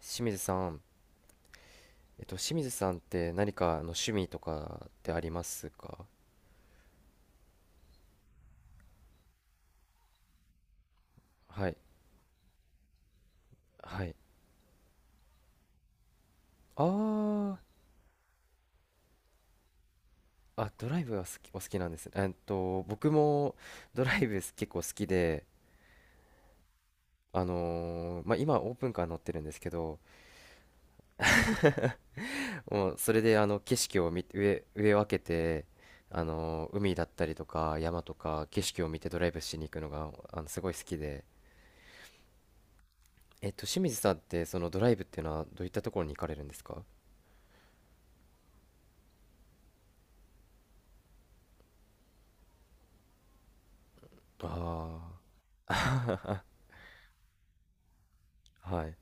清水さん、清水さんって何か趣味とかってありますか？はい、はい。あー、あ、ドライブはお好きなんですね。僕もドライブ結構好きで、まあ、今オープンカー乗ってるんですけど、もうそれで景色を見て、上を開けて、海だったりとか山とか景色を見てドライブしに行くのがすごい好きで、清水さんってそのドライブっていうのはどういったところに行かれるんですか？ああー。はい。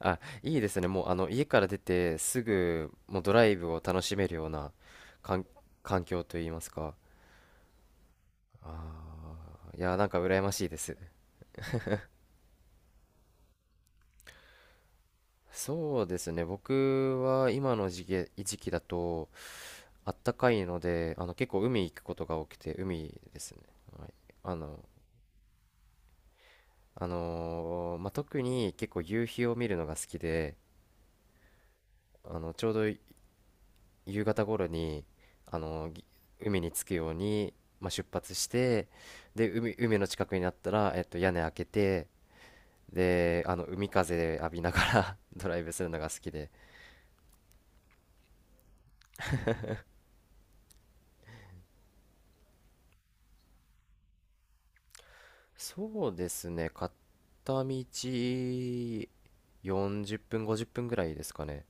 あ、いいですね。もう家から出てすぐもうドライブを楽しめるような環、環境といいますか。ああ、いや、なんか羨ましいです。そうですね。僕は今の時期だとあったかいので、結構海行くことが多くて、海ですね。はい、あの、まあ、特に結構夕日を見るのが好きで、ちょうど夕方頃にあのぎ海に着くように、まあ、出発してで海の近くになったら、屋根開けてで海風浴びながら ドライブするのが好きで、そうですね。片道40分、50分ぐらいですかね。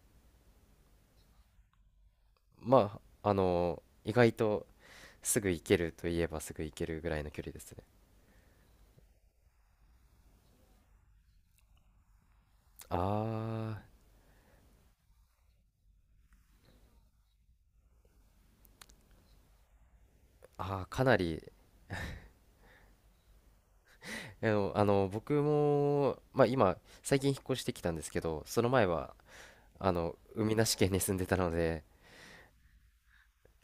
まあ意外とすぐ行けるといえばすぐ行けるぐらいの距離ですね。あーあー、かなり。僕も、まあ、今最近引っ越してきたんですけど、その前は海なし県に住んでたので、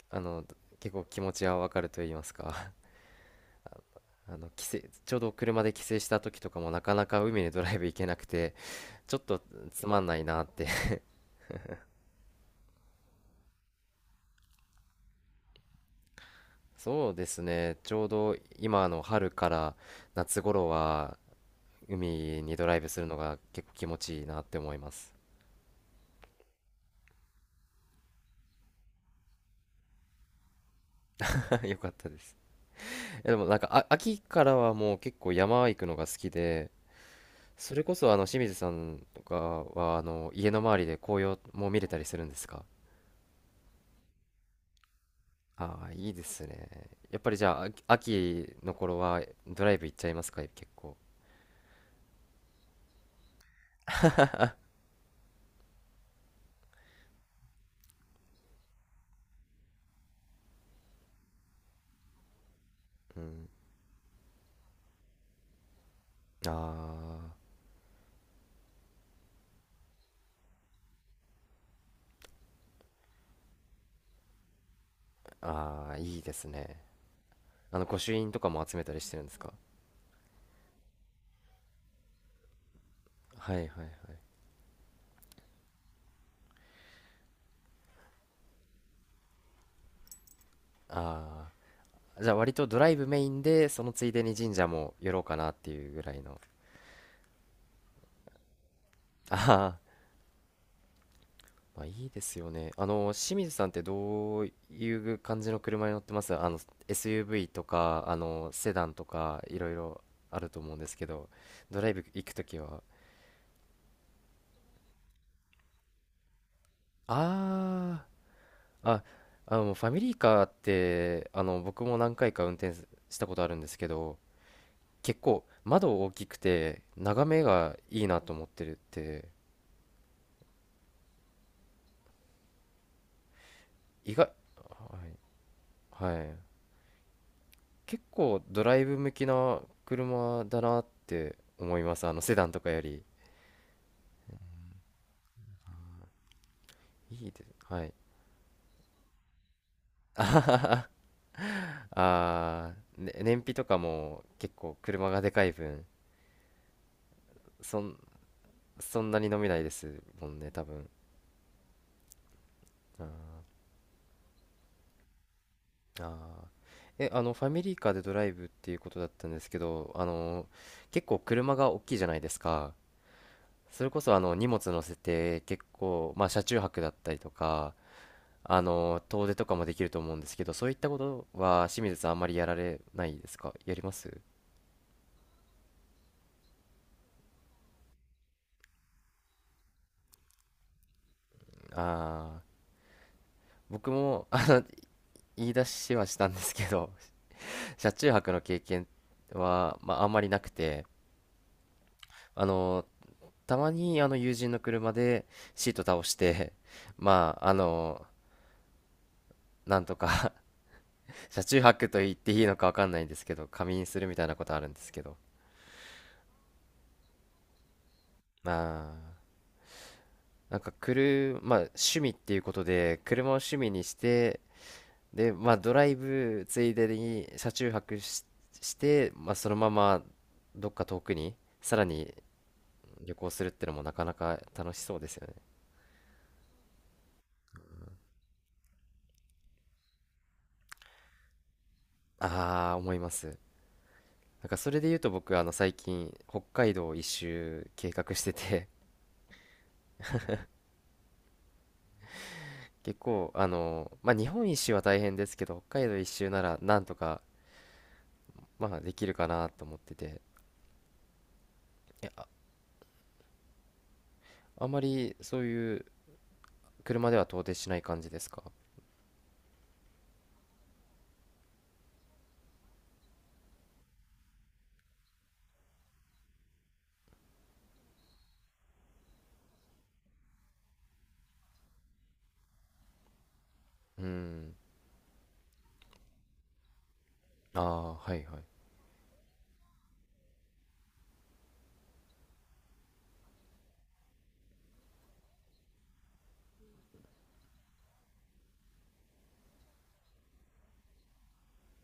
あの結構気持ちはわかると言いますか、 あの帰省ちょうど車で帰省した時とかもなかなか海にドライブ行けなくて、ちょっとつまんないなって そうですね。ちょうど今の春から夏頃は海にドライブするのが結構気持ちいいなって思います。 よかったです。え、でもなんか秋からはもう結構山行くのが好きで、それこそ清水さんとかは家の周りで紅葉も見れたりするんですか？ああー、いいですね。やっぱりじゃあ、秋の頃はドライブ行っちゃいますか、結構。うん。ああ、ああ、いいですね。御朱印とかも集めたりしてるんですか？はいはいはい。ああ、じゃあ割とドライブメインで、そのついでに神社も寄ろうかなっていうぐらいの。ああ。まあ、いいですよね。清水さんってどういう感じの車に乗ってます？SUV とか、セダンとか、いろいろあると思うんですけど、ドライブ行くときは。あー、あ、ファミリーカーって、僕も何回か運転したことあるんですけど、結構窓大きくて、眺めがいいなと思ってるって、意外、はい、はい。結構ドライブ向きな車だなって思います。セダンとかより。いいです。はい。ね、燃費とかも結構車がでかい分、そん、そんなに飲めないですもんね、多分。あーあー。え、あの、ファミリーカーでドライブっていうことだったんですけど、結構車が大きいじゃないですか。それこそ荷物乗せて結構、まあ、車中泊だったりとか、遠出とかもできると思うんですけど、そういったことは清水さんあんまりやられないですか？やります？ああー、僕も言い出しはしたんですけど 車中泊の経験は、まあ、あんまりなくて、あのたまに友人の車でシート倒して、まあなんとか 車中泊と言っていいのかわかんないんですけど、仮眠するみたいなことあるんですけど、まあなんか車、まあ、趣味っていうことで車を趣味にして、で、まあ、ドライブついでに車中泊して、まあ、そのままどっか遠くにさらに旅行するってのもなかなか楽しそうですよね。ああ、思います。なんかそれで言うと僕最近北海道一周計画してて 結構まあ日本一周は大変ですけど、北海道一周ならなんとかまあできるかなと思ってて、あんまりそういう車では到底しない感じですか？うん。ああー、はいはい。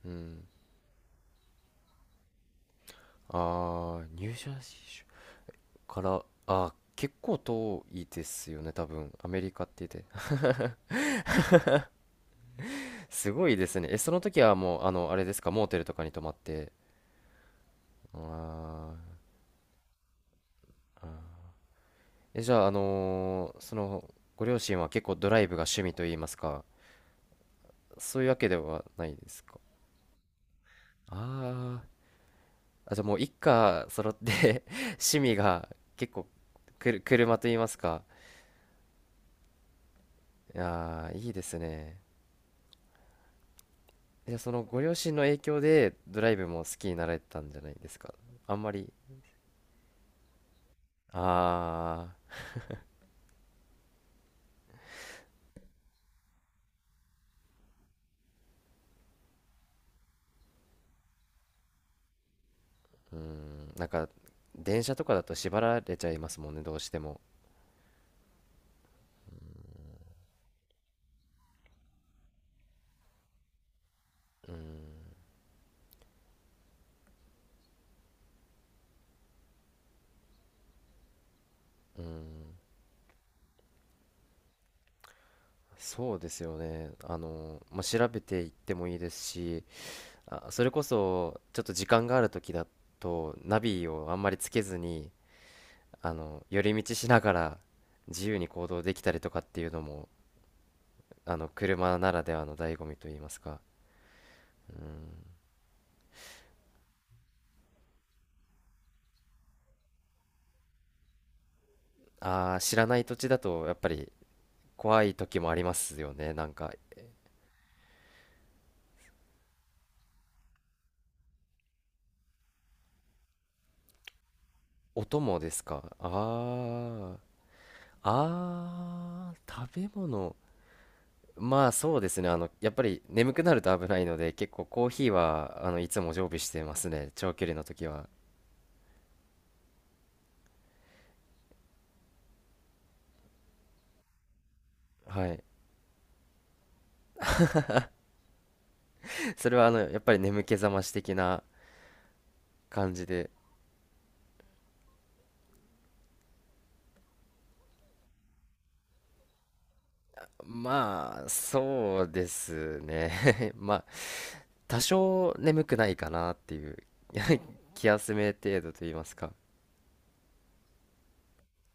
うん。ああ、ニュージャージー州から、結構遠いですよね、多分。アメリカって言って。すごいですね。え、その時はもう、あれですか、モーテルとかに泊まって。ああ。え、じゃあ、ご両親は結構ドライブが趣味といいますか、そういうわけではないですか。ああ。あ、じゃあもう一家揃って 趣味が結構、車といいますか。あー、いいですね。じゃあそのご両親の影響でドライブも好きになられたんじゃないですか。あんまり、ああ、うん、なんか電車とかだと縛られちゃいますもんね、どうしても。うん、うん、そうですよね。まあ、調べていってもいいですし、あ、それこそちょっと時間がある時だとナビをあんまりつけずに、寄り道しながら自由に行動できたりとかっていうのも、車ならではの醍醐味といいますか。うん。ああ、知らない土地だとやっぱり怖い時もありますよね。なんか、音もですか。ああ、ああ、食べ物。まあそうですね。やっぱり眠くなると危ないので、結構コーヒーは、いつも常備してますね。長距離の時は。はい。それは、やっぱり眠気覚まし的な感じで。まあ、そうですね。まあ、多少眠くないかなっていう 気休め程度と言いますか。